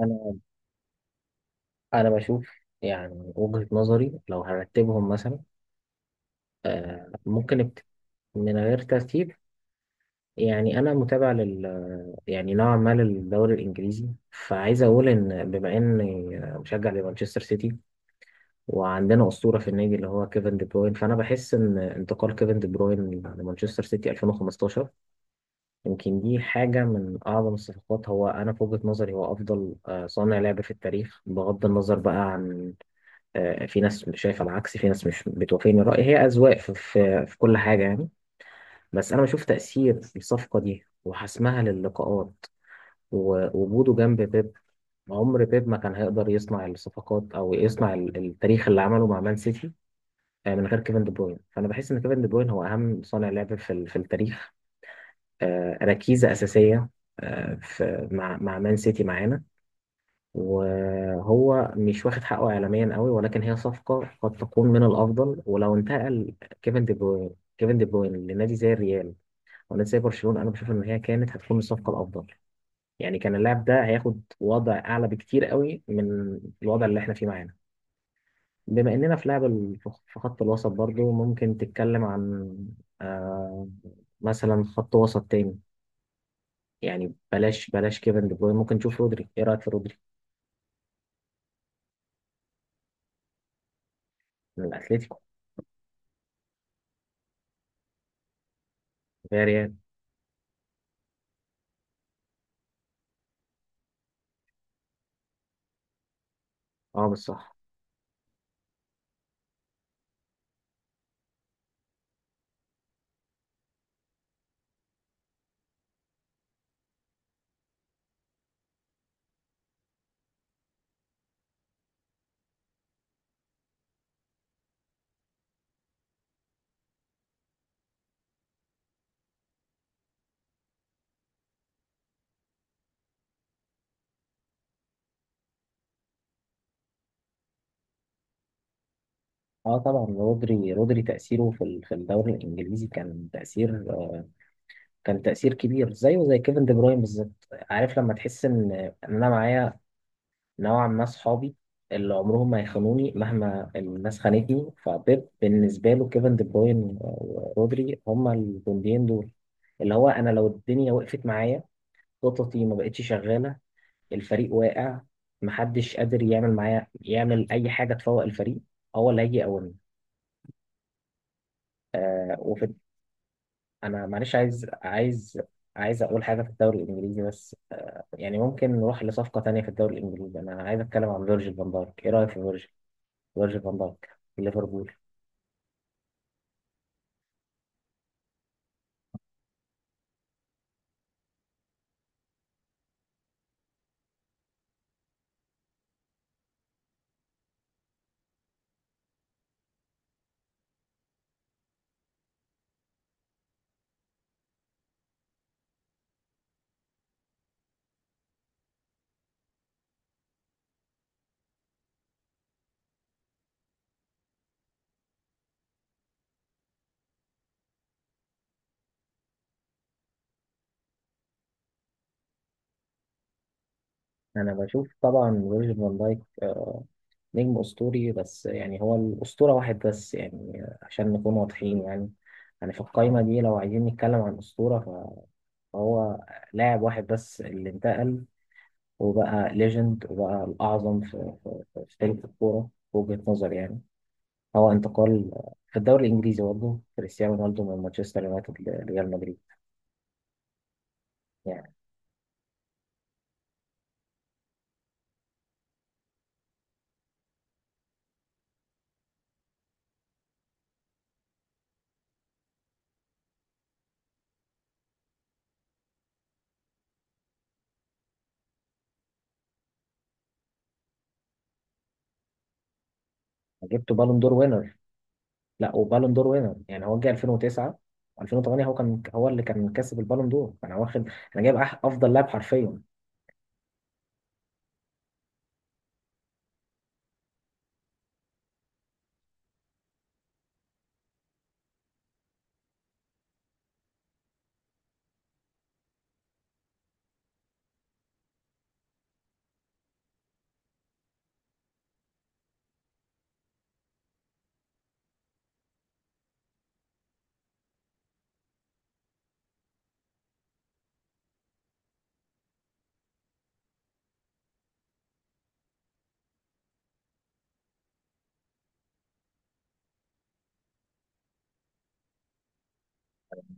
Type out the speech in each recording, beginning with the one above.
انا انا بشوف يعني وجهة نظري لو هرتبهم مثلا. آه ممكن ابت- من غير ترتيب. يعني انا متابع يعني نوعا ما للدوري الانجليزي، فعايز اقول ان بما اني مشجع لمانشستر سيتي، وعندنا اسطوره في النادي اللي هو كيفن دي بروين. فانا بحس ان انتقال كيفن دي بروين لمانشستر سيتي 2015 يمكن دي حاجه من اعظم الصفقات. هو انا في وجهة نظري هو افضل صانع لعب في التاريخ، بغض النظر بقى عن. في ناس شايفه العكس، في ناس مش بتوافقني الرأي. هي أذواق في, كل حاجة يعني. بس أنا بشوف تأثير الصفقة دي وحسمها للقاءات ووجوده جنب بيب. عمر بيب ما كان هيقدر يصنع الصفقات أو يصنع التاريخ اللي عمله مع مان سيتي من غير كيفن دي بروين. فأنا بحس إن كيفن دي بروين هو أهم صانع لعب في التاريخ. ركيزة أساسية في مع مان سيتي معانا. وهو مش واخد حقه اعلاميا قوي، ولكن هي صفقه قد تكون من الافضل. ولو انتقل كيفن دي بروين كيفن دي بروين لنادي زي الريال ونادي زي برشلونه، انا بشوف ان هي كانت هتكون الصفقه الافضل. يعني كان اللاعب ده هياخد وضع اعلى بكتير قوي من الوضع اللي احنا فيه معانا. بما اننا في لعب في خط الوسط، برضو ممكن تتكلم عن آه مثلا خط وسط تاني. يعني بلاش بلاش كيفن دي بروين، ممكن نشوف رودري. ايه رايك في رودري؟ من الاتليتيكو. يا ريال. اه بالصح. اه طبعا رودري تأثيره في في الدوري الانجليزي كان تأثير كبير زيه زي كيفن دي بروين بالظبط. عارف لما تحس ان انا معايا نوعا ما صحابي اللي عمرهم ما يخانوني مهما الناس خانتني. فبيب بالنسبة له كيفن دي بروين ورودري هما الجنديين دول، اللي هو انا لو الدنيا وقفت معايا، خططي ما بقتش شغالة، الفريق واقع، محدش قادر يعمل معايا يعمل اي حاجة تفوق الفريق، هو اللي هيجي يقومني. انا معلش عايز اقول حاجه في الدوري الانجليزي بس. يعني ممكن نروح لصفقه تانية في الدوري الانجليزي. انا عايز اتكلم عن فيرجيل فان دايك. ايه رايك في فيرجيل فان دايك في ليفربول؟ انا بشوف طبعا فيرجيل فان دايك نجم اسطوري، بس يعني هو الاسطوره واحد بس يعني. عشان نكون واضحين يعني، يعني في القايمه دي لو عايزين نتكلم عن اسطوره فهو لاعب واحد بس اللي انتقل وبقى ليجند وبقى الاعظم في تاريخ الكوره في وجهه نظري يعني. هو انتقال في الدوري الانجليزي برضه كريستيانو رونالدو من مانشستر يونايتد لريال مدريد. يعني جبته بالون دور وينر. لا، وبالون دور وينر. يعني هو جه 2009. 2008 هو كان هو اللي كان كسب البالون دور. انا واخد، انا جايب افضل لاعب حرفيا.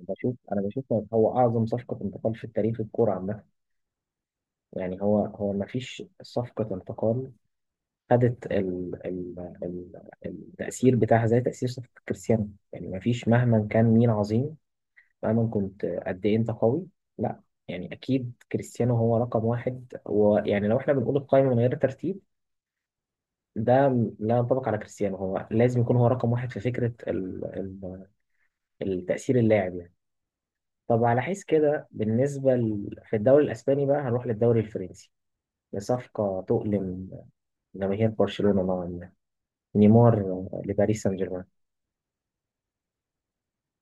بشوف هو اعظم صفقه انتقال في التاريخ الكوره عامه. يعني هو ما فيش صفقه انتقال خدت التاثير بتاعها زي تاثير صفقه كريستيانو. يعني ما فيش مهما كان مين عظيم، مهما كنت قد ايه انت قوي، لا. يعني اكيد كريستيانو هو رقم واحد. ويعني لو احنا بنقول القائمه من غير ترتيب، ده لا ينطبق على كريستيانو. هو لازم يكون هو رقم واحد في فكره ال ال التاثير اللاعب يعني. طب على حيث كده بالنسبه في الدوري الاسباني بقى هنروح للدوري الفرنسي لصفقه تؤلم جماهير برشلونه نوعا ما: نيمار لباريس سان جيرمان.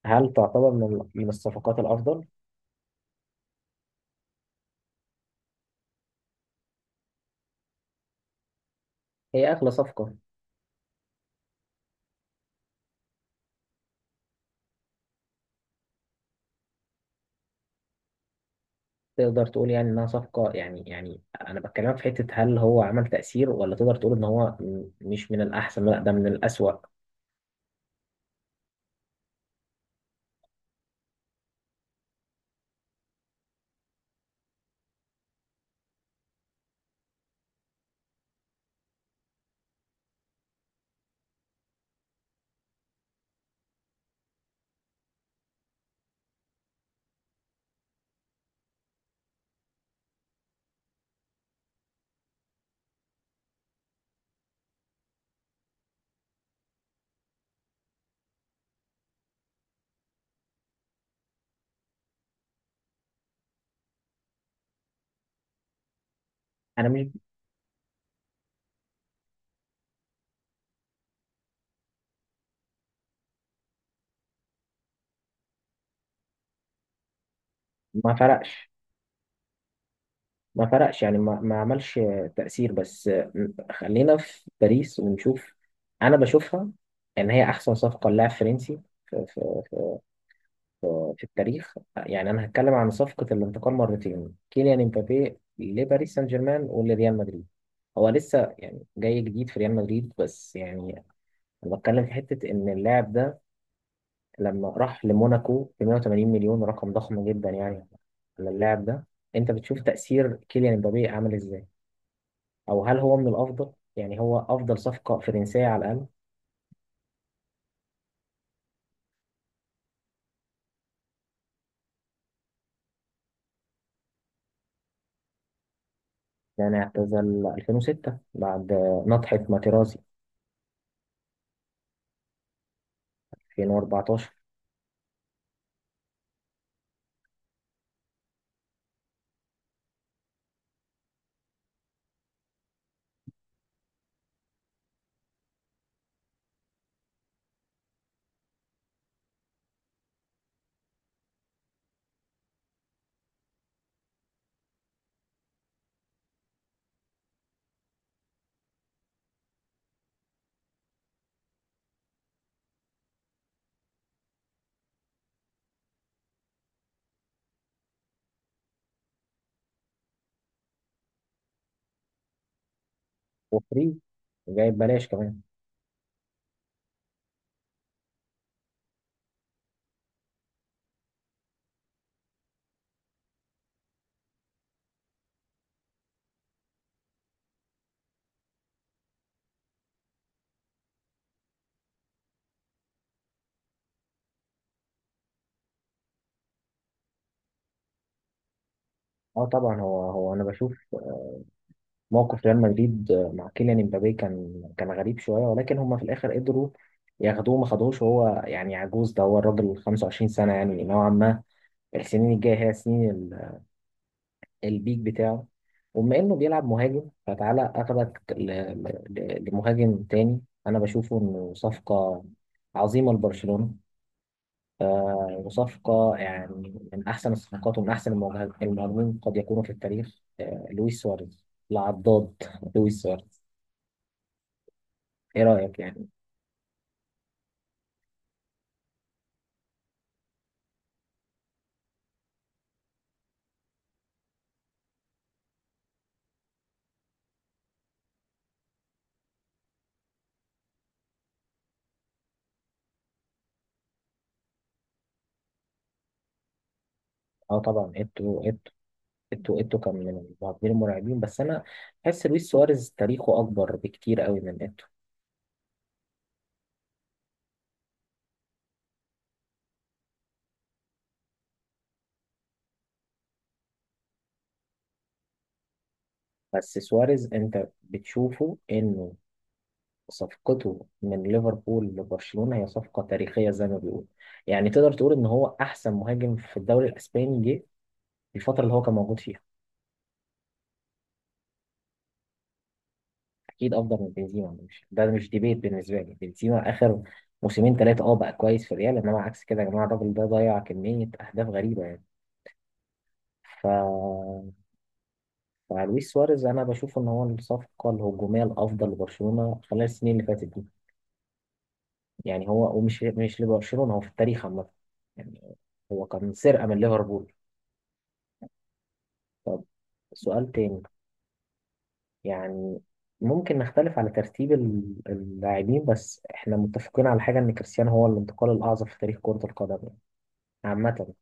هل تعتبر من الصفقات الافضل؟ هي اغلى صفقه. تقدر تقول يعني انها صفقة. يعني انا بكلمك في حتة: هل هو عمل تأثير؟ ولا تقدر تقول ان هو مش من الاحسن، لا، ده من الأسوأ. انا مش ما فرقش، يعني ما عملش تأثير بس. خلينا في باريس ونشوف. انا بشوفها ان هي احسن صفقة للاعب فرنسي في, في, في, التاريخ. يعني انا هتكلم عن صفقة الانتقال مرتين، كيليان امبابي لباريس سان جيرمان ولريال مدريد. هو لسه يعني جاي جديد في ريال مدريد بس يعني انا بتكلم في حته ان اللاعب ده لما راح لموناكو ب 180 مليون، رقم ضخم جدا يعني على اللاعب ده. انت بتشوف تاثير كيليان امبابي عامل ازاي، او هل هو من الافضل؟ يعني هو افضل صفقه فرنسيه على الاقل. يعني اعتزل 2006 بعد نطحه ماتيرازي. 2014. وفري، جايب بلاش كمان. اه طبعا هو هو انا بشوف موقف ريال مدريد مع كيليان امبابي كان غريب شويه، ولكن هم في الاخر قدروا ياخدوه. ما خدوهوش، وهو يعني عجوز، ده هو الراجل 25 سنه يعني نوعا ما. السنين الجايه هي سنين البيك بتاعه. وبما انه بيلعب مهاجم فتعالى اخدك لمهاجم تاني. انا بشوفه انه صفقه عظيمه لبرشلونه، وصفقه يعني من احسن الصفقات ومن احسن المهاجمين قد يكونوا في التاريخ. لويس سواريز العضاد لويس سواريز. ايه رايك يعني؟ اه طبعا ايتو كان من المهاجمين المرعبين. بس انا بحس لويس سواريز تاريخه اكبر بكتير قوي من ايتو. بس سواريز، انت بتشوفه انه صفقته من ليفربول لبرشلونة هي صفقة تاريخية زي ما بيقول؟ يعني تقدر تقول ان هو احسن مهاجم في الدوري الاسباني جه في الفترة اللي هو كان موجود فيها؟ اكيد افضل من بنزيما. مش ده مش ديبيت بالنسبة لي. بنزيما اخر موسمين ثلاثة اه بقى كويس في الريال، انما عكس كده يا جماعة الراجل ده ضيع كمية اهداف غريبة يعني. ف مع لويس سواريز انا بشوف ان هو الصفقه الهجوميه الافضل لبرشلونه خلال السنين اللي فاتت دي. يعني هو، ومش مش لبرشلونه، هو في التاريخ عامه يعني. هو كان سرقه من ليفربول. طب سؤال تاني يعني. ممكن نختلف على ترتيب اللاعبين، بس احنا متفقين على حاجه ان كريستيانو هو الانتقال الاعظم في تاريخ كره القدم يعني عامه.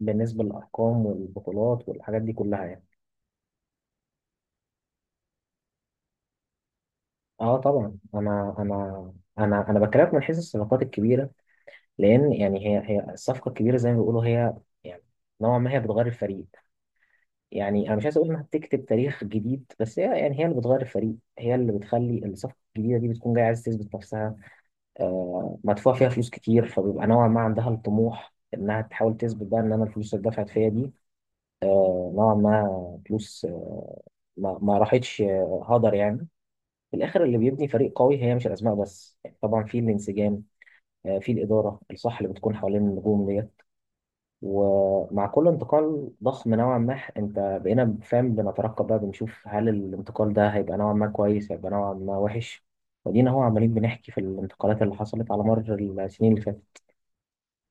بالنسبه للارقام والبطولات والحاجات دي كلها يعني. اه طبعا انا بكلمك من حيث الصفقات الكبيره، لان يعني هي الصفقه الكبيره زي ما بيقولوا، هي يعني نوعا ما هي بتغير الفريق. يعني انا مش عايز اقول انها بتكتب تاريخ جديد، بس هي يعني هي اللي بتغير الفريق، هي اللي بتخلي الصفقه الجديده دي بتكون جايه عايزه تثبت نفسها. آه مدفوع فيها فلوس كتير، فبيبقى نوعا ما عندها الطموح انها تحاول تثبت بقى ان انا الفلوس اللي دفعت فيا دي نوعا ما فلوس ما راحتش هدر يعني. في الاخر اللي بيبني فريق قوي هي مش الاسماء بس يعني، طبعا في الانسجام، في الاداره الصح اللي بتكون حوالين النجوم ديت. ومع كل انتقال ضخم نوعا ما، انت بقينا فاهم بنترقب بقى بنشوف هل الانتقال ده هيبقى نوعا ما كويس، هيبقى نوعا ما وحش. ودينا هو عمالين بنحكي في الانتقالات اللي حصلت على مر السنين اللي فاتت